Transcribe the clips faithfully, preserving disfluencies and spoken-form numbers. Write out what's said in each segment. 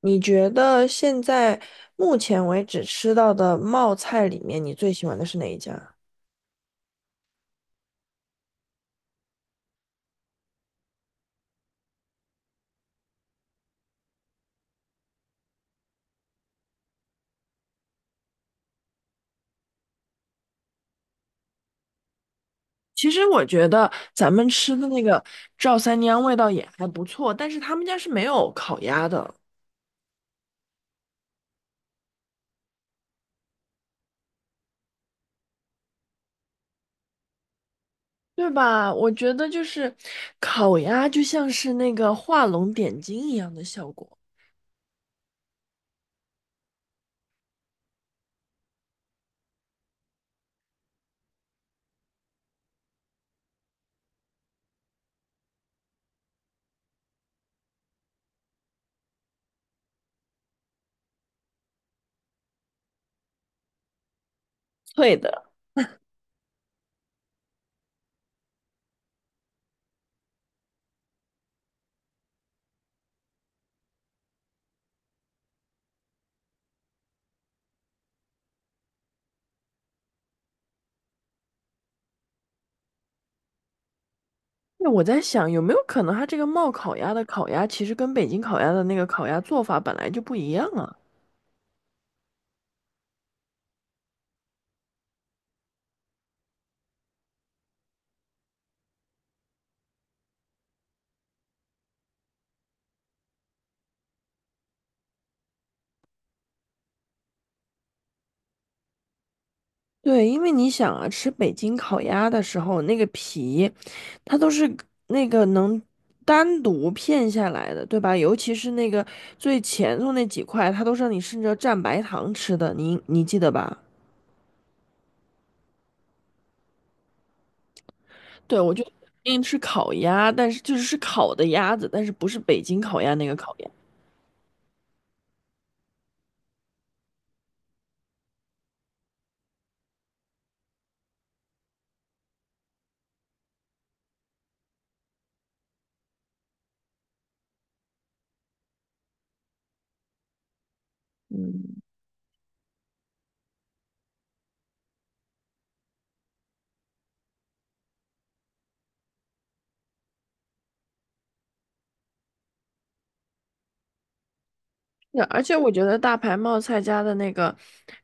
你觉得现在目前为止吃到的冒菜里面，你最喜欢的是哪一家？其实我觉得咱们吃的那个赵三娘味道也还不错，但是他们家是没有烤鸭的，对吧？我觉得就是烤鸭就像是那个画龙点睛一样的效果。脆的。那我在想，有没有可能它这个冒烤鸭的烤鸭，其实跟北京烤鸭的那个烤鸭做法本来就不一样啊？对，因为你想啊，吃北京烤鸭的时候，那个皮，它都是那个能单独片下来的，对吧？尤其是那个最前头那几块，它都是让你顺着蘸白糖吃的，你你记得吧？对，我就因吃烤鸭，但是就是是烤的鸭子，但是不是北京烤鸭那个烤鸭。对而且我觉得大牌冒菜家的那个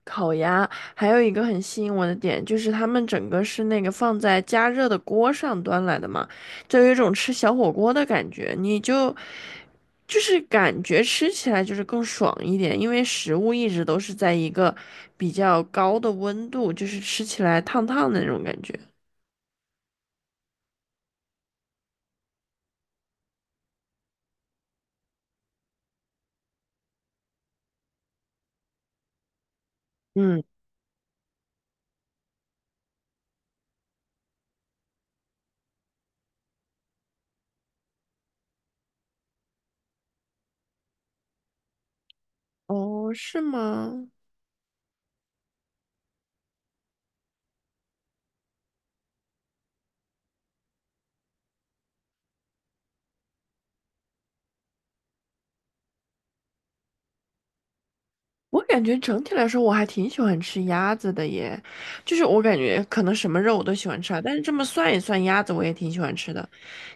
烤鸭，还有一个很吸引我的点，就是他们整个是那个放在加热的锅上端来的嘛，就有一种吃小火锅的感觉，你就就是感觉吃起来就是更爽一点，因为食物一直都是在一个比较高的温度，就是吃起来烫烫的那种感觉。嗯，哦，是吗？我感觉整体来说，我还挺喜欢吃鸭子的耶，就是我感觉可能什么肉我都喜欢吃啊，但是这么算一算，鸭子我也挺喜欢吃的。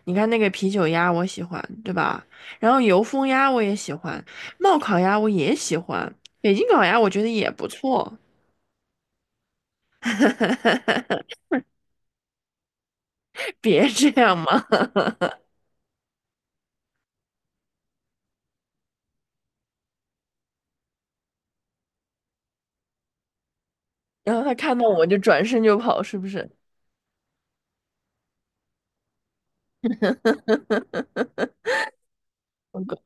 你看那个啤酒鸭，我喜欢，对吧？然后油封鸭我也喜欢，冒烤鸭我也喜欢，北京烤鸭我觉得也不错。别这样嘛，然后他看到我就转身就跑，是不是？我狗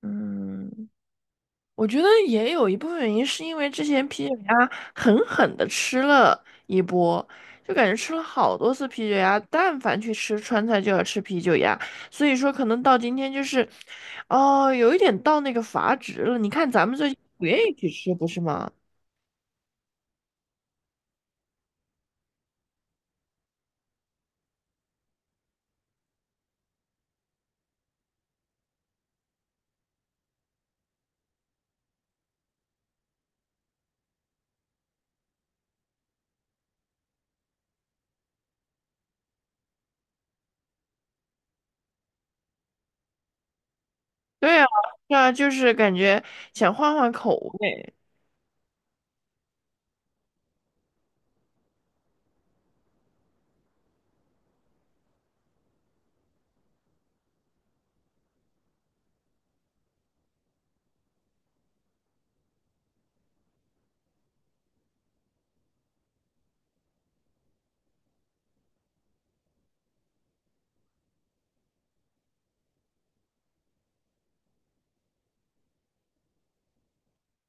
嗯。我觉得也有一部分原因是因为之前啤酒鸭狠狠的吃了一波，就感觉吃了好多次啤酒鸭，但凡去吃川菜就要吃啤酒鸭，所以说可能到今天就是，哦，有一点到那个阀值了。你看咱们最近不愿意去吃，不是吗？对啊，对啊，就是感觉想换换口味。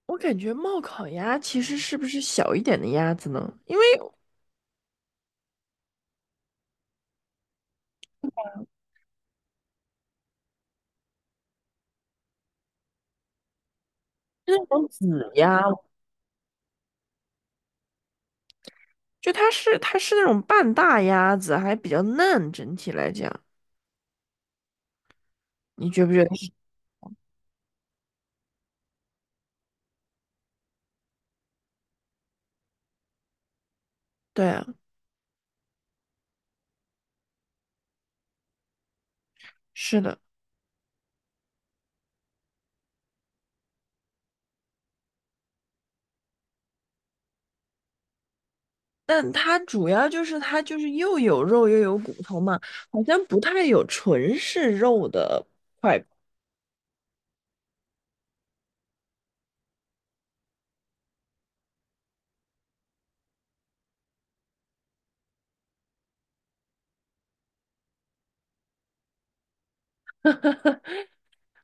我感觉冒烤鸭其实是不是小一点的鸭子呢？因为那种子鸭。就它是它是那种半大鸭子，还比较嫩，整体来讲，你觉不觉得是？对啊，是的。但它主要就是它就是又有肉又有骨头嘛，好像不太有纯是肉的块骨，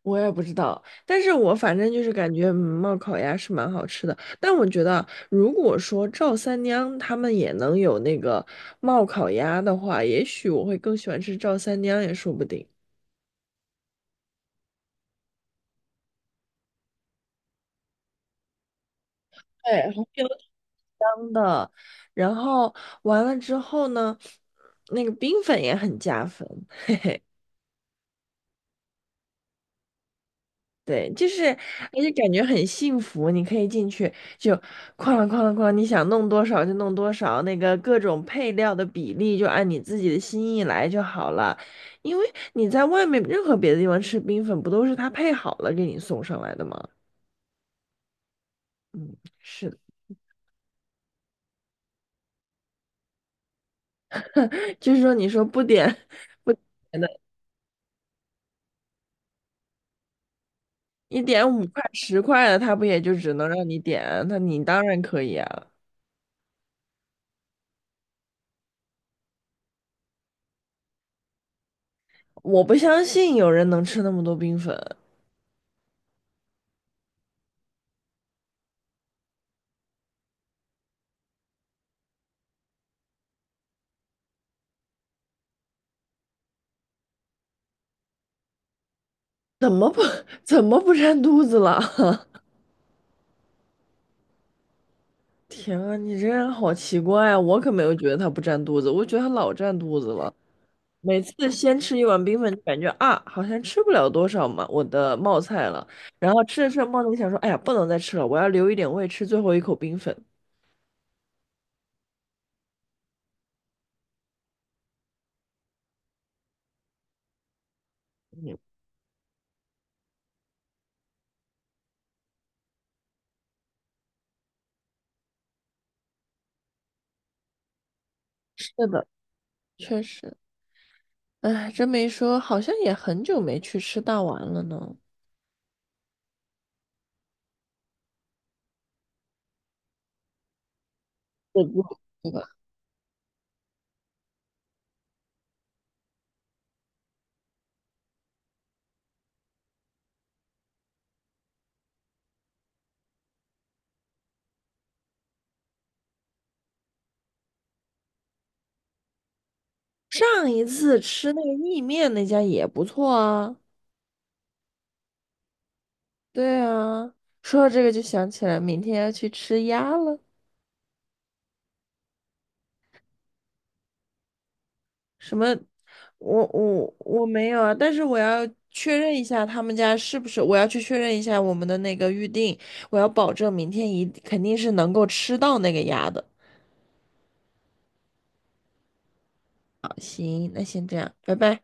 我也不知道。但是我反正就是感觉嗯冒烤鸭是蛮好吃的。但我觉得啊如果说赵三娘他们也能有那个冒烤鸭的话，也许我会更喜欢吃赵三娘也说不定。对，好像然后完了之后呢，那个冰粉也很加分，对，就是而且感觉很幸福，你可以进去就哐啷哐啷哐啷你想弄多少就弄多少，那个各种配料的比例就按你自己的心意来就好了，因为你在外面任何别的地方吃冰粉，不都是他配好了给你送上来的吗？嗯，是的，就是说你说不点 不点的，一点五块、十块的，他不也就只能让你点？那你当然可以啊。我不相信有人能吃那么多冰粉，怎么不怎么不占肚子了？天啊，你这人好奇怪啊！我可没有觉得他不占肚子，我觉得他老占肚子了。每次先吃一碗冰粉，就感觉啊，好像吃不了多少嘛，我的冒菜了。然后吃着吃着冒菜想说，哎呀，不能再吃了，我要留一点胃吃最后一口冰粉。是的，确实，哎，这么一说，好像也很久没去吃大碗了呢。对不？对吧？上一次吃那个意面那家也不错啊。对啊，说到这个就想起来，明天要去吃鸭了。什么？我我我没有啊，但是我要确认一下他们家是不是，我要去确认一下我们的那个预定，我要保证明天一肯定是能够吃到那个鸭的。好，行，那先这样，拜拜。